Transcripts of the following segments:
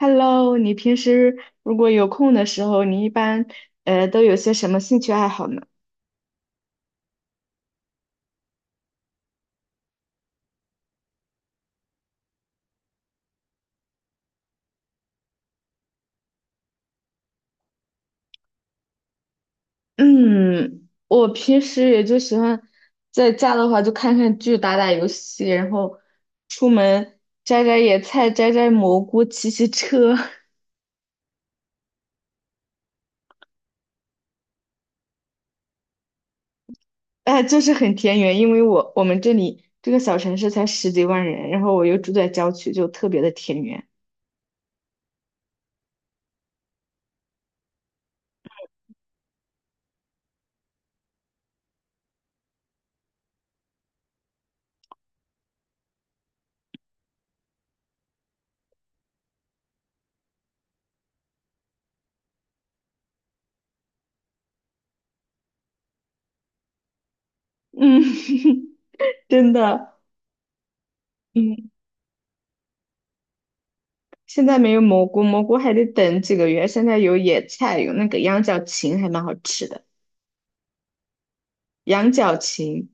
Hello，你平时如果有空的时候，你一般都有些什么兴趣爱好呢？嗯，我平时也就喜欢在家的话就看看剧、打打游戏，然后出门摘摘野菜、摘摘蘑菇、骑骑车，哎，就是很田园。因为我们这里这个小城市才十几万人，然后我又住在郊区，就特别的田园。嗯，真的。嗯。现在没有蘑菇，蘑菇还得等几个月。现在有野菜，有那个羊角芹，还蛮好吃的。羊角芹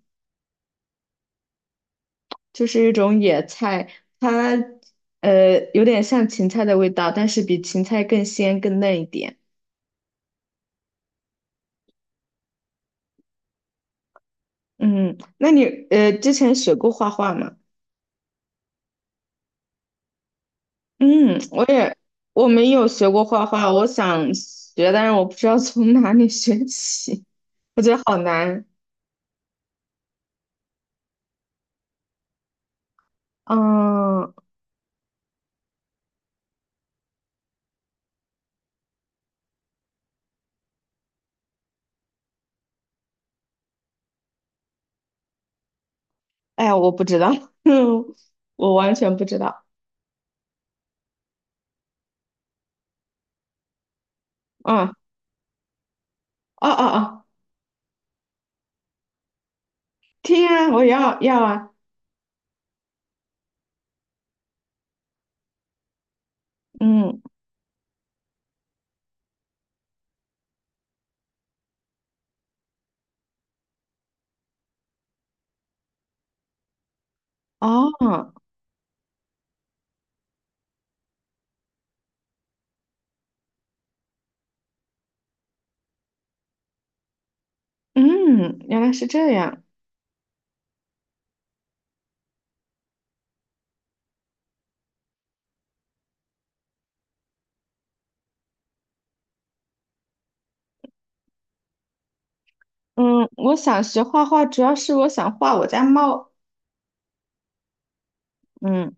就是一种野菜，它有点像芹菜的味道，但是比芹菜更鲜更嫩一点。嗯，那你之前学过画画吗？嗯，我没有学过画画，我想学，但是我不知道从哪里学起，我觉得好难。嗯，哎呀，我不知道，我完全不知道。嗯。哦哦哦，天啊，我要啊，嗯哦，嗯，原来是这样，嗯，我想学画画，主要是我想画我家猫。嗯，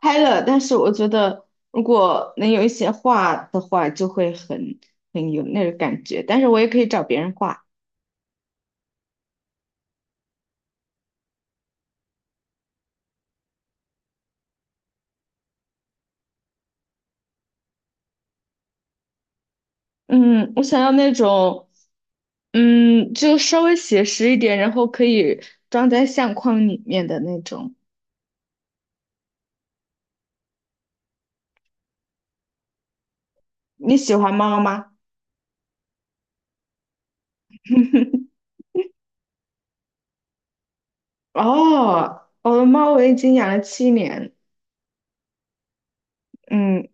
拍了，但是我觉得如果能有一些画的话，就会很很有那个感觉，但是我也可以找别人画，嗯，我想要那种，嗯，就稍微写实一点，然后可以装在相框里面的那种，你喜欢猫吗？哦，我的猫我已经养了7年，嗯，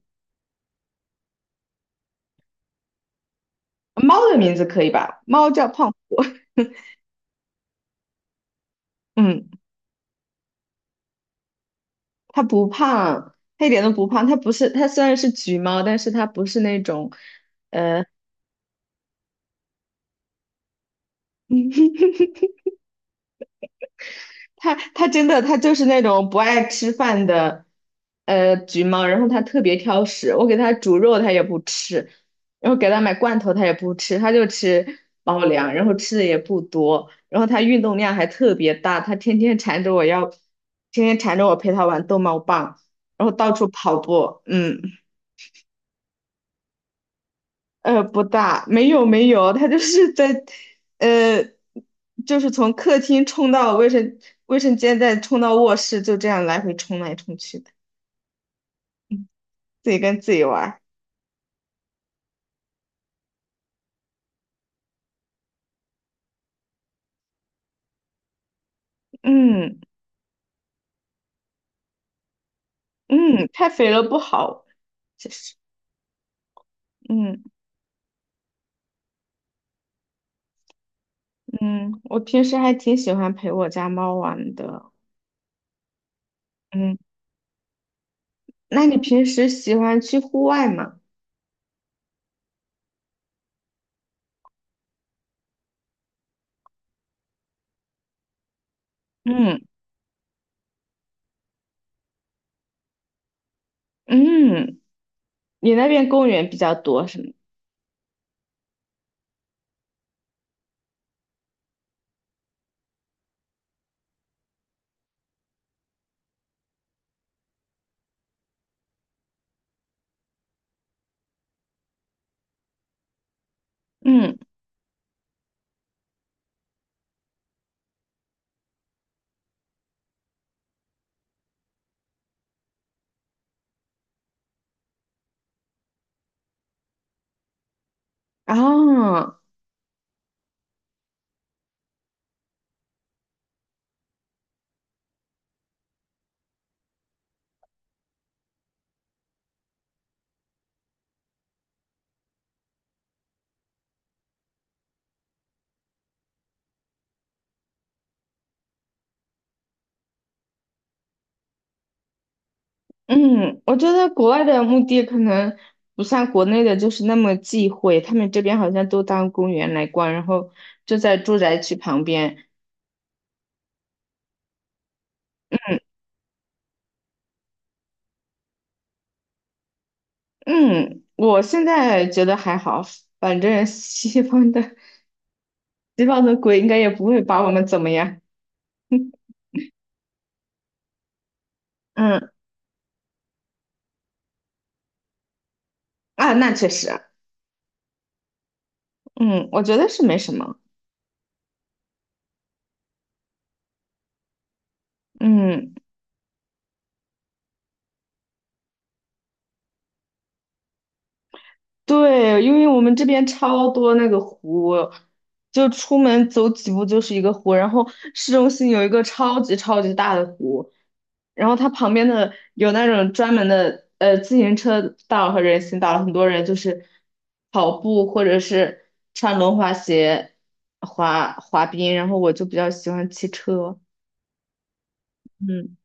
猫的名字可以吧？猫叫胖虎，嗯，它不胖，它一点都不胖，它不是，它虽然是橘猫，但是它不是那种，呃，它真的它就是那种不爱吃饭的橘猫，然后它特别挑食，我给它煮肉它也不吃，然后给它买罐头它也不吃，它就吃猫粮，然后吃的也不多，然后它运动量还特别大，它天天缠着我要，天天缠着我陪它玩逗猫棒，然后到处跑步，嗯。不大，没有没有，他就是在，呃，就是从客厅冲到卫生间，再冲到卧室，就这样来回冲来冲去的，自己跟自己玩儿。嗯嗯，太肥了不好，其实，嗯嗯，我平时还挺喜欢陪我家猫玩的。嗯，那你平时喜欢去户外吗？嗯嗯，你那边公园比较多是吗？嗯，哦。嗯，我觉得国外的墓地可能不像国内的，就是那么忌讳。他们这边好像都当公园来逛，然后就在住宅区旁边。嗯，嗯我现在觉得还好，反正西方的鬼应该也不会把我们怎么样。嗯，啊，那确实，嗯，我觉得是没什么。嗯。对，因为我们这边超多那个湖，就出门走几步就是一个湖，然后市中心有一个超级超级大的湖，然后它旁边的有那种专门的自行车道和人行道，很多人就是跑步或者是穿轮滑鞋滑滑冰，然后我就比较喜欢骑车，嗯，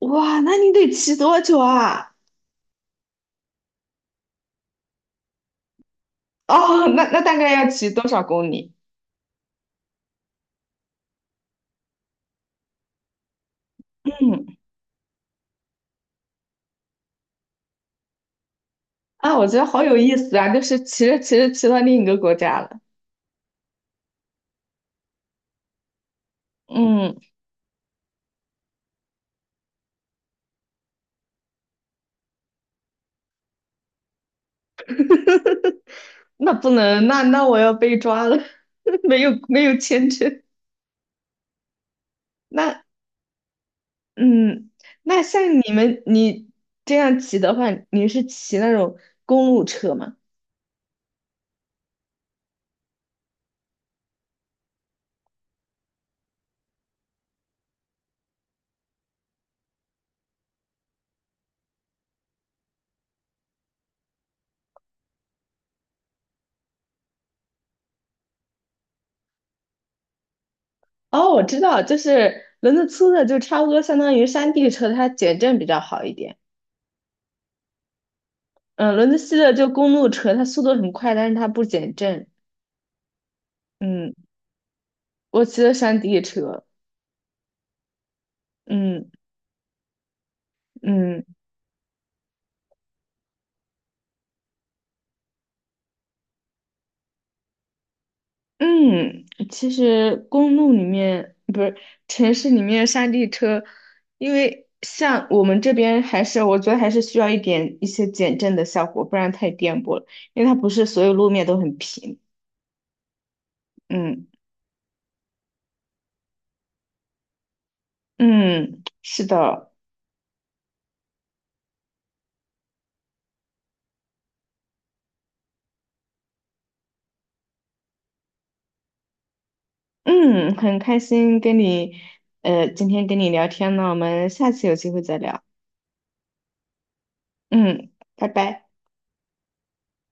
哇，那你得骑多久啊？哦，那大概要骑多少公里？嗯。啊，我觉得好有意思啊！就是骑着骑着骑到另一个国家了，嗯，那不能，那我要被抓了，没有没有签证。那嗯，那像你们你这样骑的话，你是骑那种公路车吗？哦，我知道，就是轮子粗的就差不多相当于山地车，它减震比较好一点。嗯，轮子细的就公路车，它速度很快，但是它不减震。嗯，我骑的山地车，嗯嗯。嗯，其实公路里面不是城市里面山地车，因为像我们这边还是我觉得还是需要一些减震的效果，不然太颠簸了。因为它不是所有路面都很平。嗯嗯，是的，嗯，很开心跟你今天跟你聊天呢，我们下次有机会再聊。嗯，拜拜。